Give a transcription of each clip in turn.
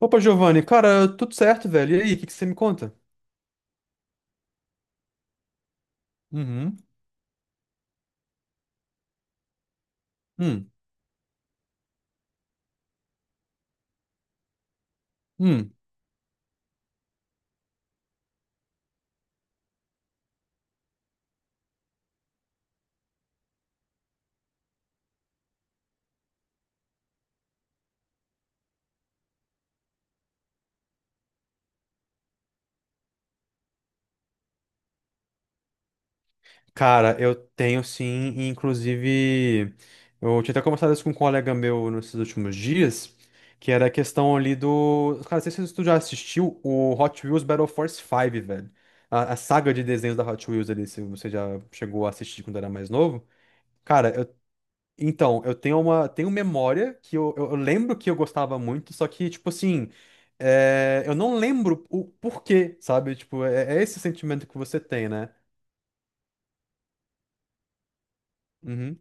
Opa, Giovanni, cara, tudo certo, velho? E aí, o que que você me conta? Uhum. Hum, hum. Cara, eu tenho sim, e inclusive, eu tinha até conversado isso com um colega meu nesses últimos dias, que era a questão ali do. Cara, não sei se tu já assistiu o Hot Wheels Battle Force 5, velho. A saga de desenhos da Hot Wheels ali, se você já chegou a assistir quando era mais novo. Cara, eu então, eu tenho memória que eu lembro que eu gostava muito, só que, tipo assim, é, eu não lembro o porquê, sabe? Tipo, é esse sentimento que você tem, né? Uhum,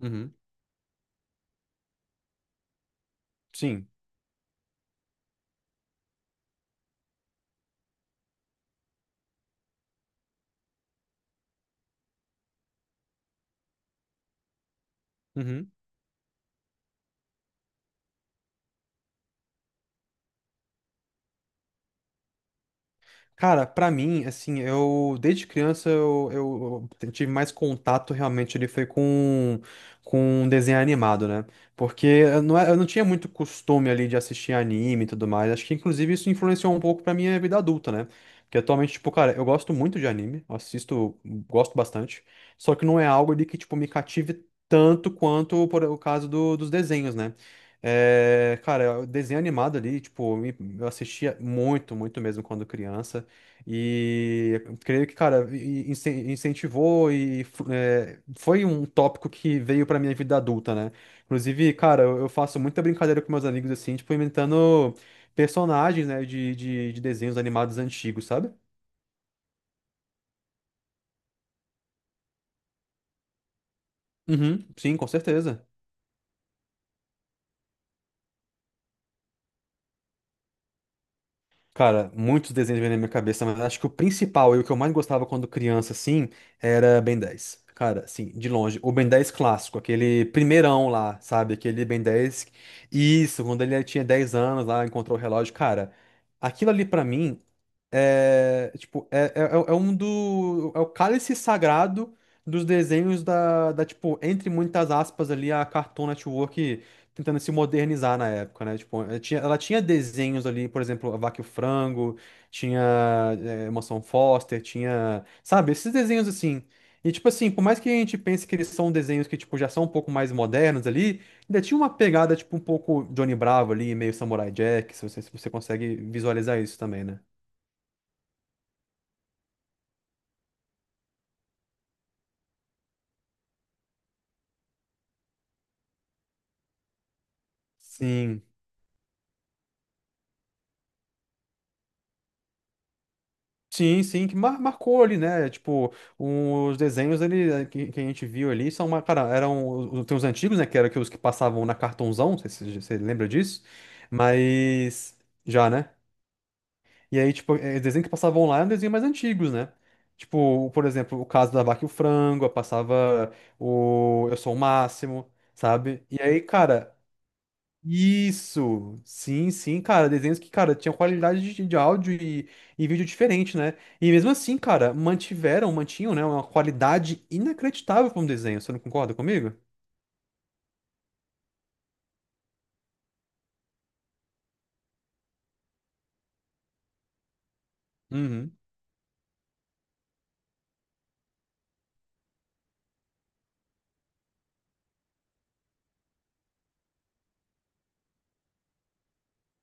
uhum, sim. Cara, pra mim, assim, eu desde criança eu tive mais contato realmente ele foi com desenho animado, né? Porque eu não tinha muito costume ali de assistir anime e tudo mais. Acho que inclusive isso influenciou um pouco pra minha vida adulta, né? Porque atualmente, tipo, cara, eu gosto muito de anime, eu assisto, gosto bastante. Só que não é algo ali que, tipo, me cative tanto quanto por o caso dos desenhos, né? É, cara, o desenho animado ali, tipo, eu assistia muito, muito mesmo quando criança. E eu creio que, cara, incentivou e foi um tópico que veio pra minha vida adulta, né? Inclusive, cara, eu faço muita brincadeira com meus amigos, assim, tipo, inventando personagens, né, de desenhos animados antigos, sabe? Uhum, sim, com certeza. Cara, muitos desenhos vêm na minha cabeça, mas acho que o principal e o que eu mais gostava quando criança, assim, era Ben 10. Cara, assim, de longe. O Ben 10 clássico, aquele primeirão lá, sabe? Aquele Ben 10. Isso, quando ele tinha 10 anos lá, encontrou o relógio. Cara, aquilo ali pra mim é um do... É o cálice sagrado dos desenhos da, tipo, entre muitas aspas ali, a Cartoon Network tentando se modernizar na época, né? Tipo, ela tinha desenhos ali, por exemplo, A Vaca e o Frango, tinha é, Mansão Foster, tinha, sabe, esses desenhos assim. E tipo assim, por mais que a gente pense que eles são desenhos que tipo já são um pouco mais modernos ali, ainda tinha uma pegada tipo um pouco Johnny Bravo ali, meio Samurai Jack, se você consegue visualizar isso também, né? Sim. Sim, sim, que marcou ali, né? Tipo, os desenhos ali que a gente viu ali são uma, cara, tem os antigos, né? Que eram os que passavam na cartonzão, não sei se você lembra disso, mas já, né? E aí, tipo, desenho que passavam lá eram desenhos mais antigos, né? Tipo, por exemplo, o caso da Vaca e o Frango, eu passava o Eu Sou o Máximo, sabe? E aí, cara, isso, sim, sim, cara, desenhos que, cara, tinham qualidade de áudio e vídeo diferente, né? E mesmo assim, cara, mantinham, né, uma qualidade inacreditável para um desenho, você não concorda comigo? Uhum.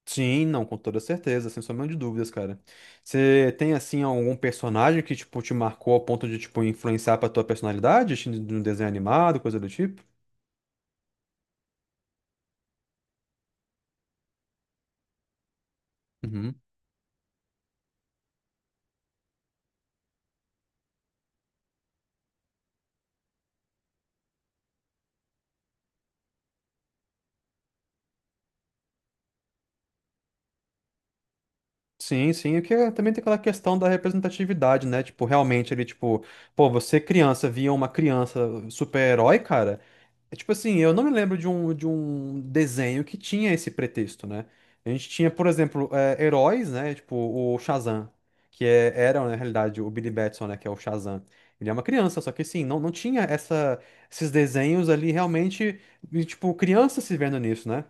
Sim, não, com toda certeza, sem sombra de dúvidas, cara. Você tem, assim, algum personagem que, tipo, te marcou ao ponto de, tipo, influenciar pra tua personalidade, assim, de um desenho animado, coisa do tipo? Sim, sim, também tem aquela questão da representatividade, né? Tipo, realmente ele, tipo, pô, você criança via uma criança super-herói, cara. É tipo assim, eu não me lembro de um desenho que tinha esse pretexto, né? A gente tinha, por exemplo, é, heróis, né? Tipo, o Shazam, que é, era, na realidade, o Billy Batson, né? Que é o Shazam. Ele é uma criança, só que assim, não, não tinha essa, esses desenhos ali realmente, e, tipo, criança se vendo nisso, né?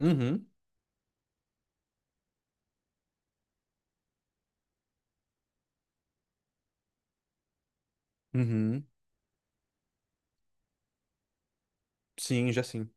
Uhum, uhum, sim, já sim.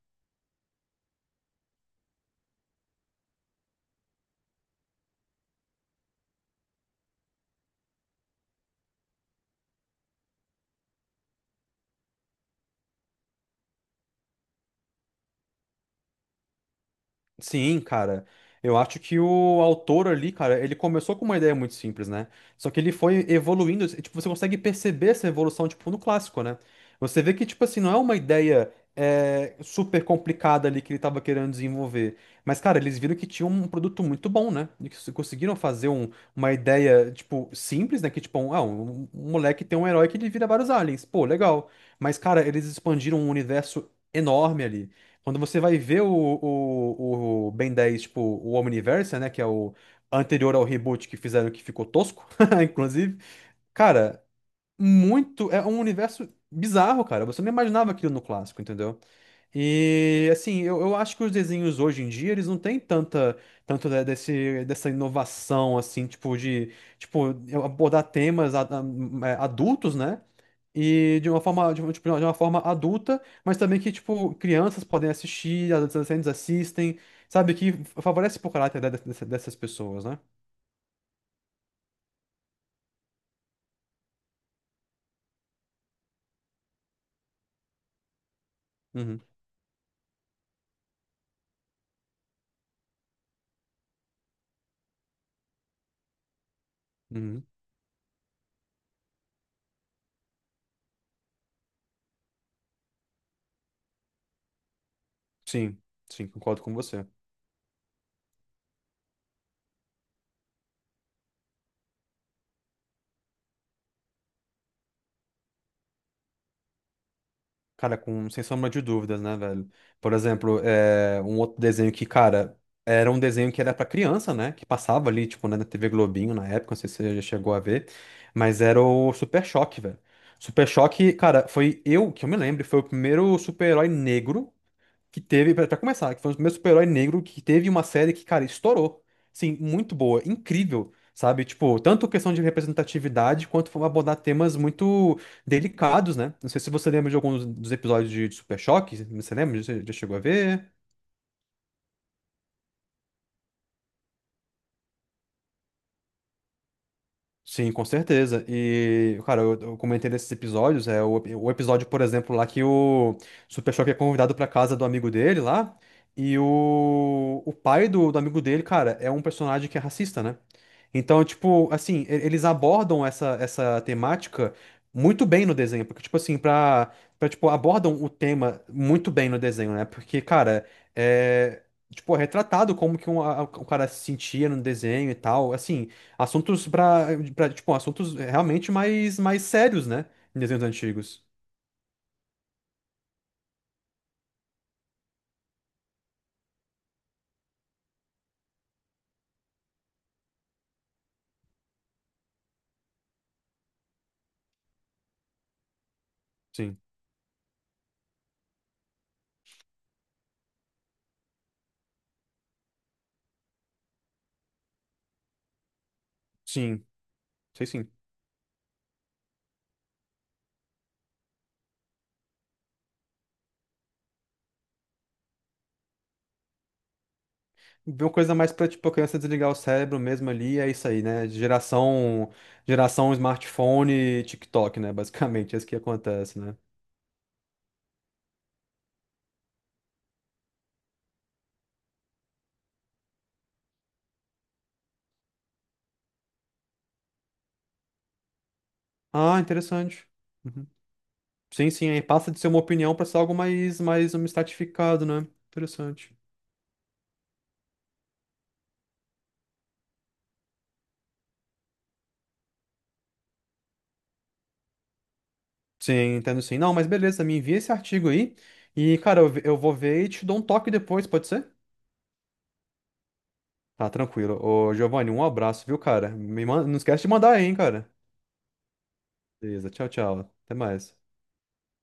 Sim, cara. Eu acho que o autor ali, cara, ele começou com uma ideia muito simples, né? Só que ele foi evoluindo, e, tipo, você consegue perceber essa evolução, tipo, no clássico, né? Você vê que, tipo assim, não é uma ideia é, super complicada ali que ele tava querendo desenvolver. Mas, cara, eles viram que tinha um produto muito bom, né? E que conseguiram fazer uma ideia, tipo, simples, né? Que, tipo, um, ah, um moleque tem um herói que ele vira vários aliens. Pô, legal. Mas, cara, eles expandiram um universo enorme ali. Quando você vai ver o Ben 10, tipo, o Omniverse, né? Que é o anterior ao reboot que fizeram que ficou tosco, inclusive. Cara, muito. É um universo bizarro, cara. Você não imaginava aquilo no clássico, entendeu? E assim, eu acho que os desenhos hoje em dia, eles não têm tanta, tanto desse, dessa inovação, assim, tipo, de tipo, abordar temas adultos, né? E de uma forma, de uma, tipo, de uma forma adulta, mas também que, tipo, crianças podem assistir, adolescentes assistem, sabe? Que favorece pro caráter dessas pessoas, né? Uhum, uhum. Sim, sim, concordo com você. Cara, sem sombra de dúvidas, né, velho? Por exemplo, é, um outro desenho que, cara, era um desenho que era pra criança, né? Que passava ali, tipo, né, na TV Globinho na época, não sei se você já chegou a ver, mas era o Super Choque, velho. Super Choque, cara, foi eu, que eu me lembro, foi o primeiro super-herói negro que teve, pra começar, que foi um dos primeiros super-herói negro que teve uma série que, cara, estourou. Sim, muito boa, incrível, sabe? Tipo, tanto questão de representatividade quanto foi abordar temas muito delicados, né? Não sei se você lembra de alguns dos episódios de Super Choque, você lembra? Você já chegou a ver? Sim, com certeza. E, cara, eu comentei desses episódios, é o episódio, por exemplo, lá que o Super Choque é convidado pra casa do amigo dele lá, e o pai do amigo dele, cara, é um personagem que é racista, né? Então, tipo, assim, eles abordam essa temática muito bem no desenho, porque, tipo assim, tipo, abordam o tema muito bem no desenho, né? Porque, cara, é, tipo, é retratado como que um, o cara se sentia no desenho e tal, assim, assuntos tipo, assuntos realmente mais, mais sérios, né? Em desenhos antigos. Sim, sim, sei sim. Uma coisa mais pra, tipo, a criança desligar o cérebro mesmo ali, é isso aí, né? Geração smartphone e TikTok, né? Basicamente, é isso que acontece, né? Ah, interessante. Uhum. Sim, sim, aí passa de ser uma opinião pra ser algo mais, mais um estratificado, né? Interessante. Sim, entendo sim. Não, mas beleza, me envia esse artigo aí e, cara, eu vou ver e te dou um toque depois, pode ser? Tá, tranquilo. Ô, Giovanni, um abraço, viu, cara? Me man... Não esquece de mandar aí, hein, cara? Beleza, tchau, tchau. Até mais.